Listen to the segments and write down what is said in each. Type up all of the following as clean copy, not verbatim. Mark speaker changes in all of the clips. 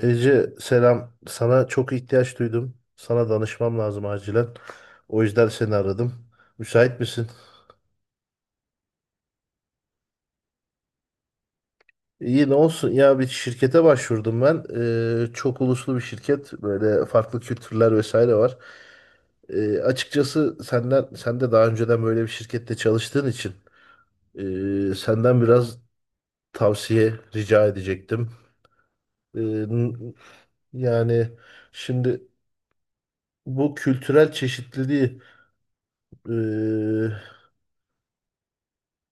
Speaker 1: Ece selam. Sana çok ihtiyaç duydum. Sana danışmam lazım acilen. O yüzden seni aradım. Müsait misin? İyi ne olsun? Ya bir şirkete başvurdum ben. Çok uluslu bir şirket. Böyle farklı kültürler vesaire var. Açıkçası senden, sen de daha önceden böyle bir şirkette çalıştığın için senden biraz tavsiye rica edecektim. Ee, n- yani Şimdi bu kültürel çeşitliliği ee,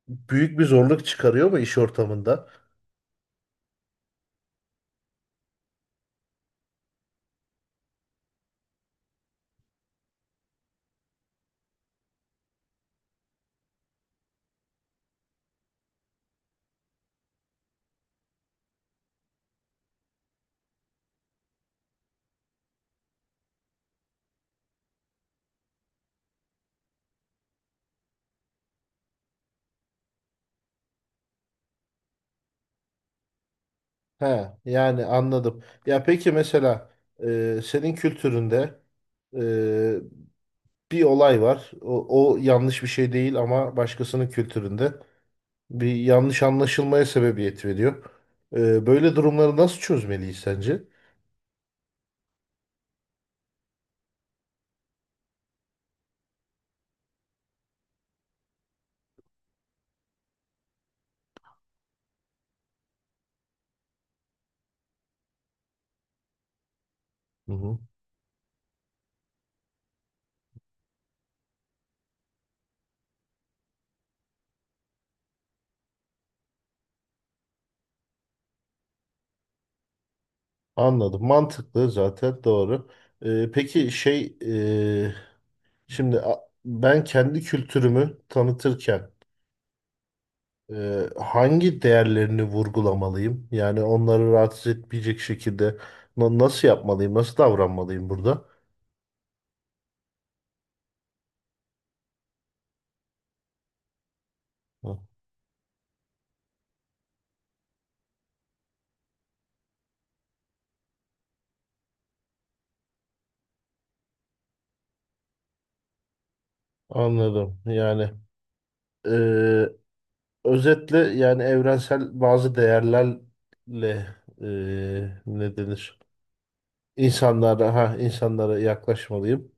Speaker 1: büyük bir zorluk çıkarıyor mu iş ortamında? He, yani anladım. Ya peki mesela senin kültüründe e, bir olay var. O yanlış bir şey değil ama başkasının kültüründe bir yanlış anlaşılmaya sebebiyet veriyor. Böyle durumları nasıl çözmeliyiz sence? Hı hı. Anladım. Mantıklı zaten doğru. E, peki şey e, Şimdi ben kendi kültürümü tanıtırken hangi değerlerini vurgulamalıyım? Yani onları rahatsız etmeyecek şekilde nasıl yapmalıyım, nasıl davranmalıyım burada? Hı, anladım. E, Özetle yani evrensel bazı değerlerle e, ne denir? İnsanlara insanlara yaklaşmalıyım.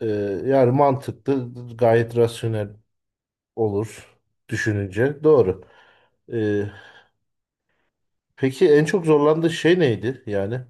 Speaker 1: E, Yani mantıklı, gayet rasyonel olur düşününce. Doğru. E, peki en çok zorlandığı şey neydi? Yani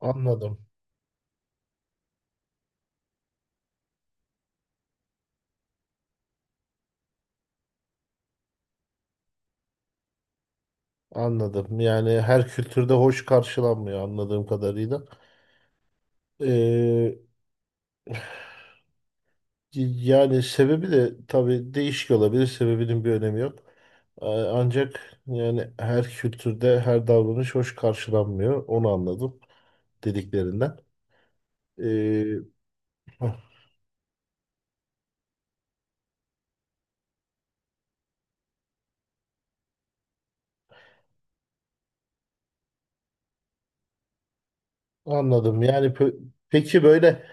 Speaker 1: anladım. Anladım. Yani her kültürde hoş karşılanmıyor anladığım kadarıyla. Ee, Yani sebebi de tabii değişik olabilir. Sebebinin bir önemi yok. Ancak yani her kültürde her davranış hoş karşılanmıyor. Onu anladım dediklerinden. Ee, heh, Anladım. Peki böyle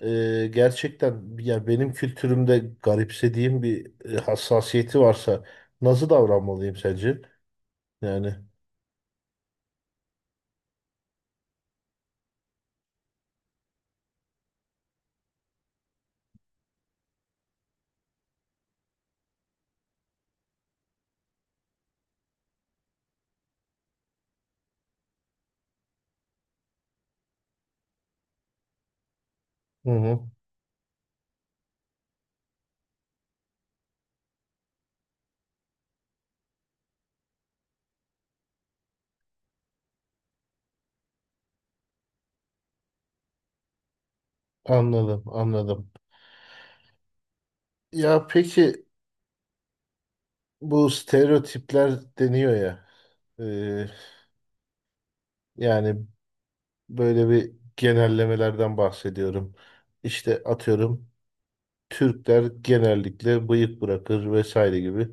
Speaker 1: gerçekten ya benim kültürümde garipsediğim bir hassasiyeti varsa nasıl davranmalıyım sence? Yani. Hı hı. Anladım, anladım. Ya peki bu stereotipler deniyor ya. e, Yani böyle bir genellemelerden bahsediyorum. İşte atıyorum Türkler genellikle bıyık bırakır vesaire gibi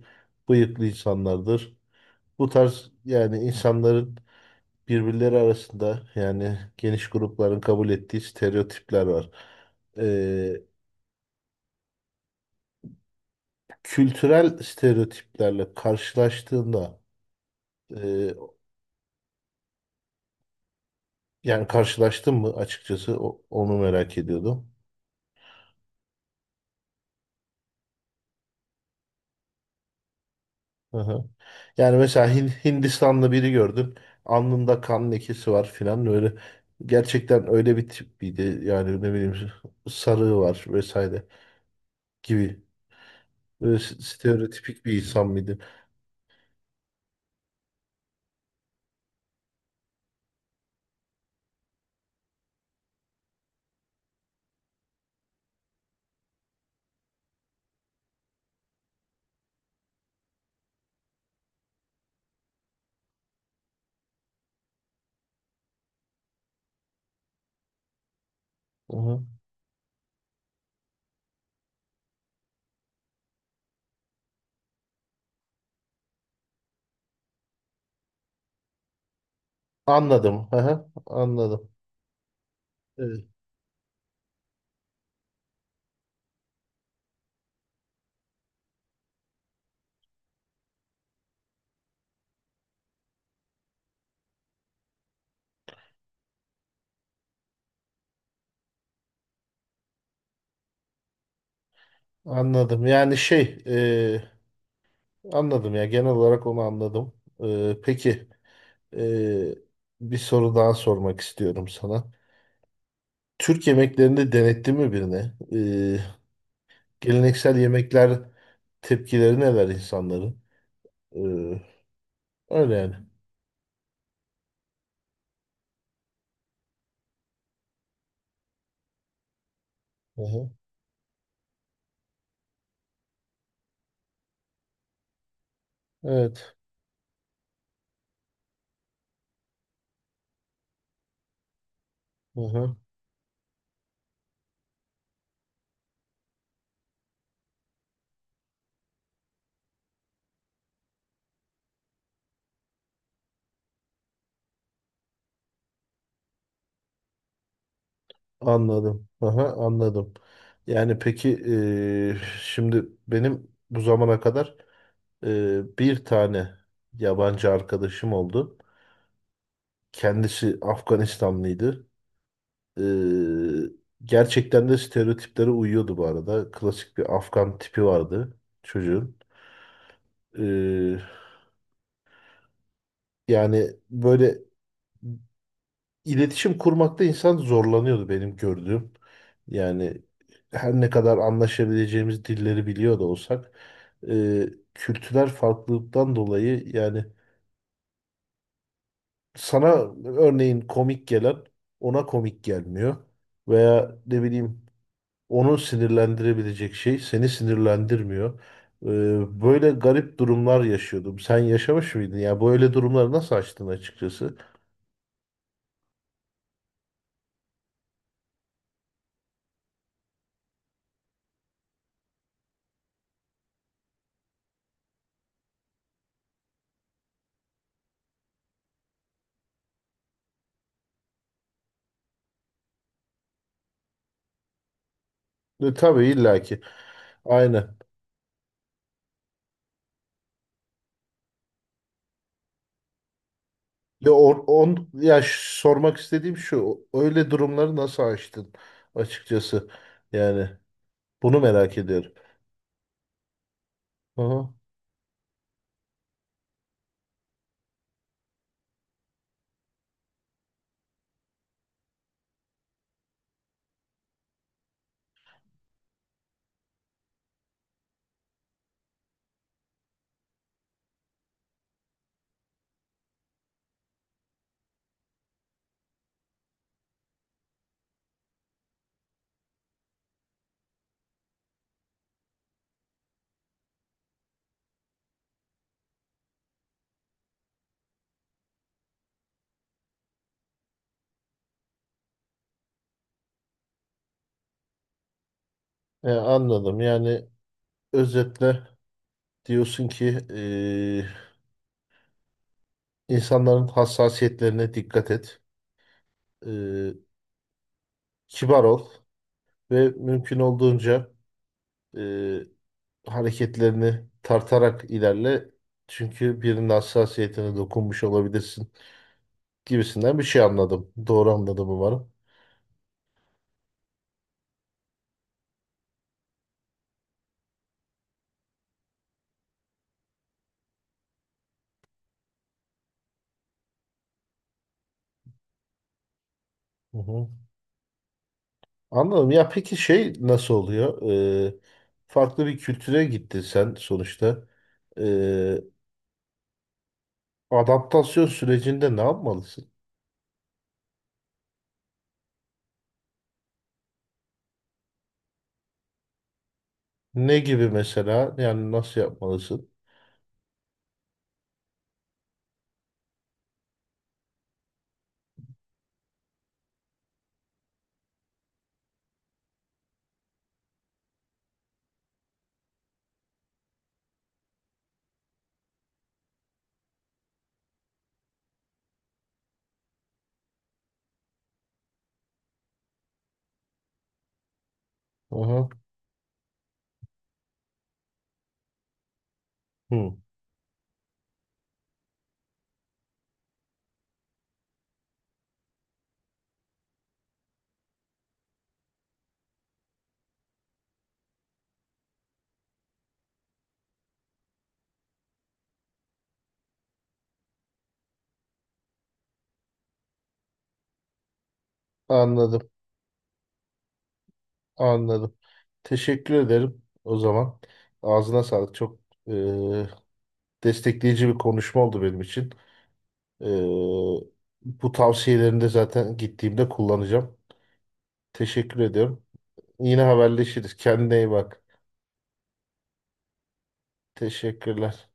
Speaker 1: bıyıklı insanlardır. Bu tarz yani insanların birbirleri arasında yani geniş grupların kabul ettiği stereotipler var. E, Kültürel stereotiplerle karşılaştığında e, yani karşılaştın mı açıkçası onu merak ediyordum. Hı hı. Yani mesela Hindistanlı biri gördün. Alnında kan lekesi var filan öyle. Gerçekten öyle bir tipiydi. Yani ne bileyim sarığı var vesaire gibi. Böyle stereotipik bir insan mıydı? Hı hı. Anladım. Hı hı. Anladım. Evet. Anladım. Anladım ya, genel olarak onu anladım. E, peki e, Bir soru daha sormak istiyorum sana. Türk yemeklerinde denettin mi birine? Geleneksel yemekler, tepkileri neler insanların? Ee, Öyle yani. Aha, evet. Aha, anladım. Aha, anladım. Yani peki şimdi benim bu zamana kadar bir tane yabancı arkadaşım oldu. Kendisi Afganistanlıydı. Ee, Gerçekten de stereotiplere uyuyordu bu arada. Klasik bir Afgan tipi vardı çocuğun. Ee, Yani böyle iletişim kurmakta insan zorlanıyordu benim gördüğüm. Yani her ne kadar anlaşabileceğimiz dilleri biliyor da olsak e, kültürel farklılıktan dolayı yani sana örneğin komik gelen ona komik gelmiyor. Veya ne bileyim onu sinirlendirebilecek şey seni sinirlendirmiyor. Böyle garip durumlar yaşıyordum. Sen yaşamış mıydın? Ya böyle durumları nasıl açtın açıkçası? Tabii illaki. Aynen. Ya or- on ya ş- sormak istediğim şu. Öyle durumları nasıl aştın açıkçası? Yani bunu merak ediyorum. Aha. Anladım. Yani özetle diyorsun ki insanların hassasiyetlerine dikkat et. E, Kibar ol ve mümkün olduğunca e, hareketlerini tartarak ilerle. Çünkü birinin hassasiyetine dokunmuş olabilirsin gibisinden bir şey anladım. Doğru anladım umarım. Hı hı. Anladım. Ya peki şey nasıl oluyor? Ee, Farklı bir kültüre gittin sen sonuçta. Ee, Adaptasyon sürecinde ne yapmalısın? Ne gibi mesela? Yani nasıl yapmalısın? Hı hı. Hı. Anladım. Anladım. Teşekkür ederim o zaman. Ağzına sağlık. Çok e, destekleyici bir konuşma oldu benim için. Ee, Bu tavsiyelerini de zaten gittiğimde kullanacağım. Teşekkür ediyorum. Yine haberleşiriz. Kendine iyi bak. Teşekkürler.